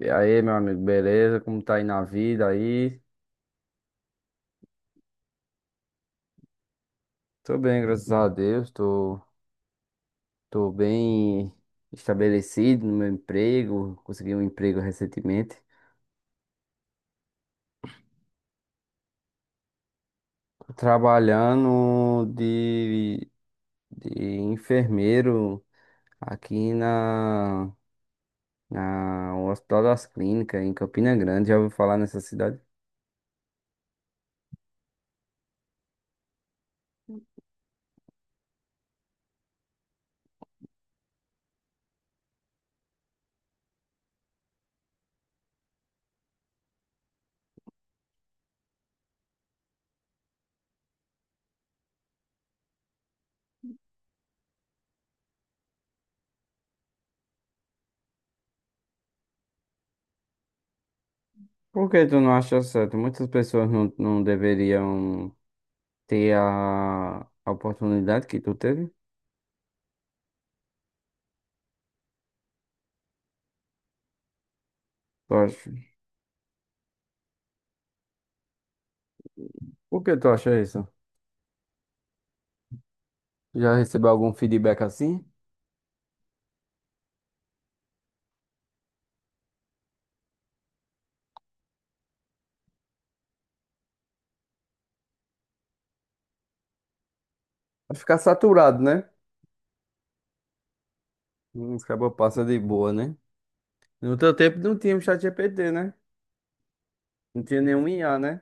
E aí, meu amigo, beleza? Como tá aí na vida aí? Tô bem, graças a Deus. Tô bem estabelecido no meu emprego. Consegui um emprego recentemente. Tô trabalhando de enfermeiro aqui na o Hospital das Clínicas, em Campina Grande. Já ouviu falar nessa cidade? Por que tu não acha certo? Muitas pessoas não deveriam ter a oportunidade que tu teve. Tu acha- Por que tu acha isso? Já recebeu algum feedback assim? Vai ficar saturado, né? Hum. Acaba passa de boa, né? No teu tempo não tinha o ChatGPT, né? Não tinha nenhum IA, né?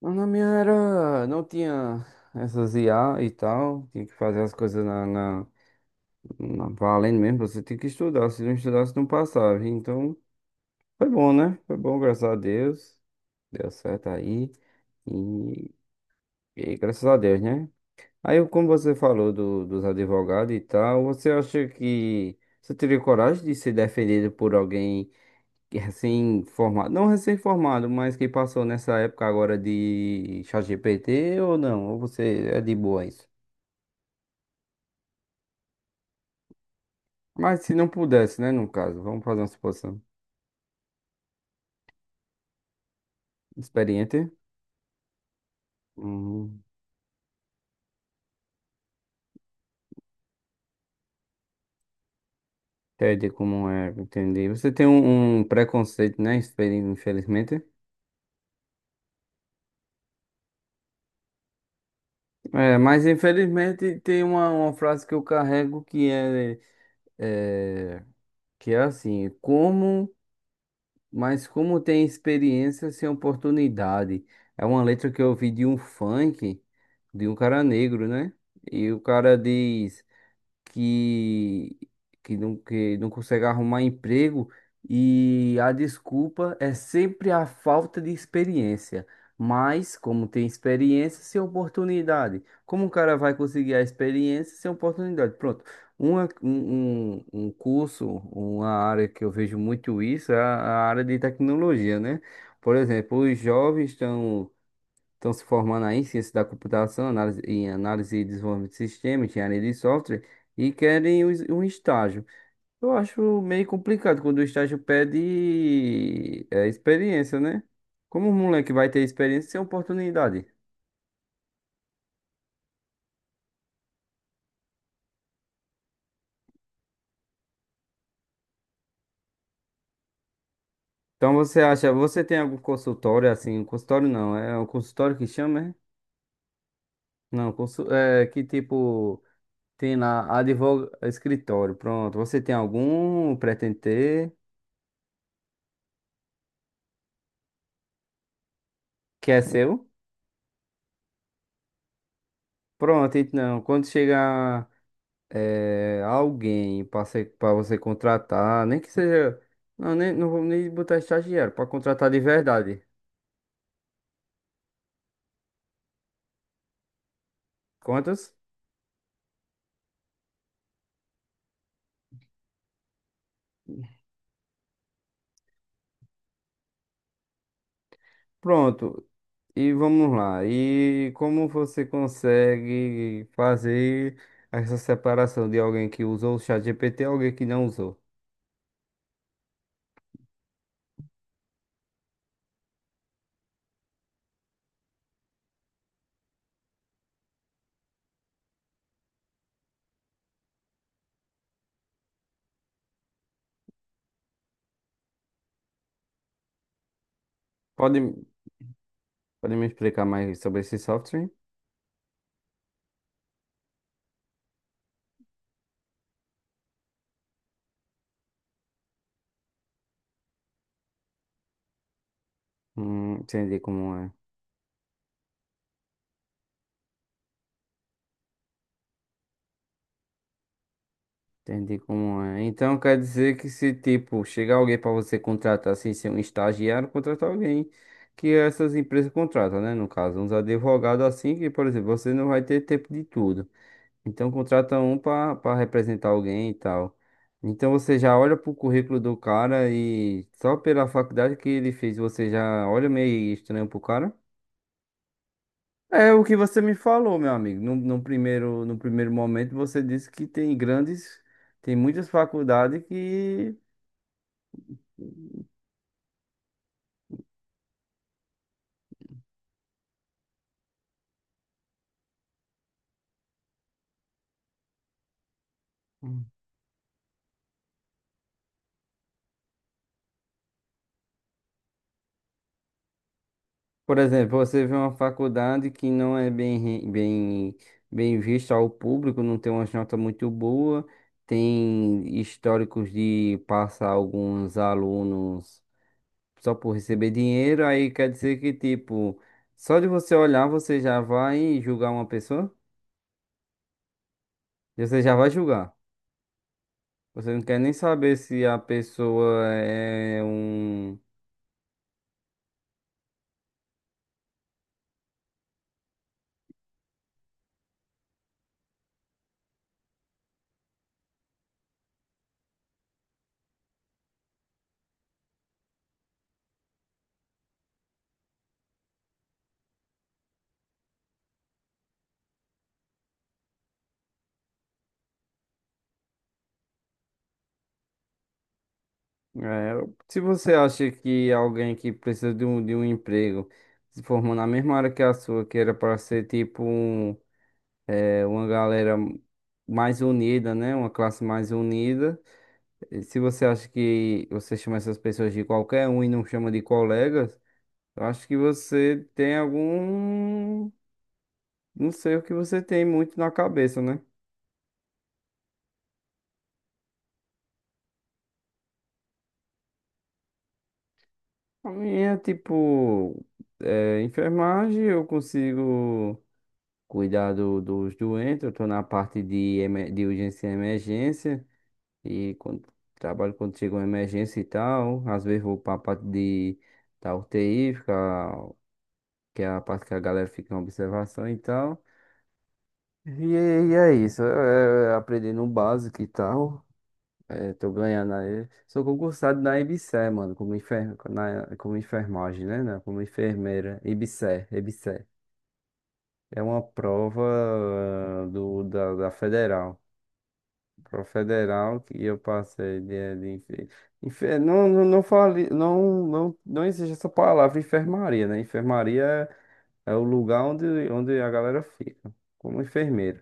Mas na minha era não tinha essas IA e tal. Tinha que fazer as coisas valendo mesmo. Você tinha que estudar. Se não estudasse, não passava. Então, foi bom, né? Foi bom, graças a Deus. Deu certo aí. E, e graças a Deus, né? Aí, como você falou dos advogados e tal, você acha que você teria coragem de ser defendido por alguém que é recém-formado? Não recém-formado, mas que passou nessa época agora de ChatGPT ou não? Ou você é de boa isso? Mas se não pudesse, né, no caso, vamos fazer uma suposição. Experiente? Hum, entendi como é, entendi. Você tem um preconceito, né, infelizmente. É, mas infelizmente tem uma frase que eu carrego que é... É. Que é assim, como, mas como tem experiência sem oportunidade. É uma letra que eu ouvi de um funk, de um cara negro, né? E o cara diz que, não, que não consegue arrumar emprego e a desculpa é sempre a falta de experiência. Mas, como tem experiência, sem oportunidade. Como o cara vai conseguir a experiência sem oportunidade? Pronto. Uma, um, um um curso, uma área que eu vejo muito isso é a área de tecnologia, né? Por exemplo, os jovens estão se formando aí em ciência da computação, análise, em análise e desenvolvimento de sistema, engenharia de software, e querem um estágio. Eu acho meio complicado quando o estágio pede experiência, né? Como um moleque vai ter experiência sem oportunidade? Então você tem algum consultório assim? Um consultório não, é um consultório que chama, é? Não, é que tipo tem lá advogado escritório, pronto. Você tem algum? Pretende ter? Que é seu? Pronto, então, quando chegar alguém para você contratar, nem que seja. Não, nem, não vou nem botar estagiário, para contratar de verdade. Quantas? Pronto. E vamos lá. E como você consegue fazer essa separação de alguém que usou o ChatGPT e alguém que não usou? Pode, pode me explicar mais sobre esse software? Entendi como é. Entendi como é. Então quer dizer que se tipo chegar alguém para você contratar sem ser um estagiário, contratar alguém que essas empresas contratam, né? No caso, uns advogados assim que, por exemplo, você não vai ter tempo de tudo. Então contrata um para representar alguém e tal. Então você já olha pro currículo do cara e só pela faculdade que ele fez, você já olha meio estranho pro cara. É o que você me falou, meu amigo. No primeiro momento, você disse que tem grandes, tem muitas faculdades que... Hum. Por exemplo, você vê uma faculdade que não é bem vista ao público, não tem uma nota muito boa, tem históricos de passar alguns alunos só por receber dinheiro, aí quer dizer que, tipo, só de você olhar, você já vai julgar uma pessoa? Você já vai julgar. Você não quer nem saber se a pessoa é um. é, Se você acha que alguém que precisa de um emprego se formou na mesma área que a sua, que era para ser tipo um, uma galera mais unida, né? Uma classe mais unida. E se você acha que você chama essas pessoas de qualquer um e não chama de colegas, eu acho que você tem algum. Não sei o que você tem muito na cabeça, né? A minha, tipo, enfermagem, eu consigo cuidar dos doentes, eu tô na parte de urgência e emergência, e trabalho quando chega uma emergência e tal, às vezes vou pra parte da UTI, fica, que é a parte que a galera fica em observação e tal. E, é isso, aprendendo o básico e tal. É, tô ganhando aí. Sou concursado na IBSER, mano, como enfermagem, né? Não, como enfermeira. IBSER, IBSER. É uma prova da federal. Prova federal que eu passei de. Não, não, não fale, não, não, não existe essa palavra enfermaria, né? Enfermaria é o lugar onde a galera fica, como enfermeiro.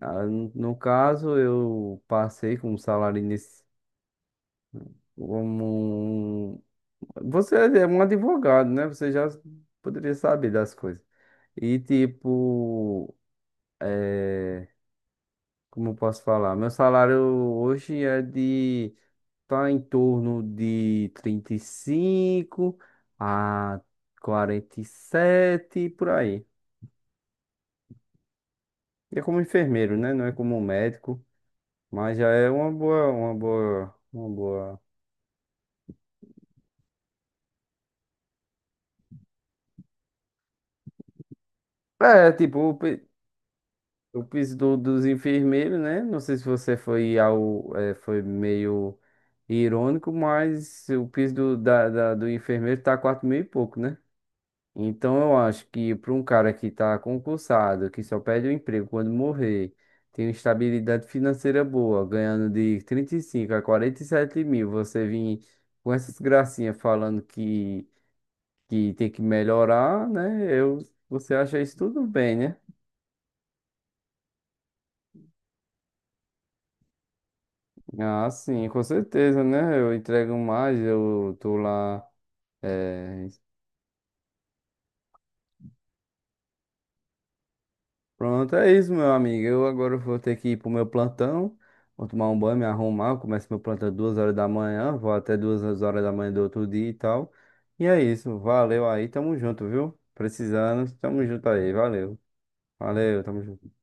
No caso, eu passei com um salário inicial. Você é um advogado, né? Você já poderia saber das coisas. E tipo, é, como eu posso falar? Meu salário hoje tá em torno de 35 a 47 por aí. E é como enfermeiro, né? Não é como médico, mas já é uma boa, uma boa, uma boa. É, tipo, o piso dos enfermeiros, né? Não sei se você foi foi meio irônico, mas o piso do do enfermeiro tá 4 mil e pouco, né? Então eu acho que para um cara que tá concursado, que só perde o emprego quando morrer, tem uma estabilidade financeira boa, ganhando de 35 a 47 mil, você vir com essas gracinhas falando que tem que melhorar, né? Você acha isso tudo bem, né? Ah, sim, com certeza, né? Eu entrego mais, eu tô lá. é, Pronto, é isso, meu amigo. Eu agora vou ter que ir pro meu plantão. Vou tomar um banho, me arrumar. Eu começo meu plantão 2 horas da manhã. Vou até 2 horas da manhã do outro dia e tal. E é isso. Valeu aí, tamo junto, viu? Precisando, tamo junto aí. Valeu. Valeu, tamo junto.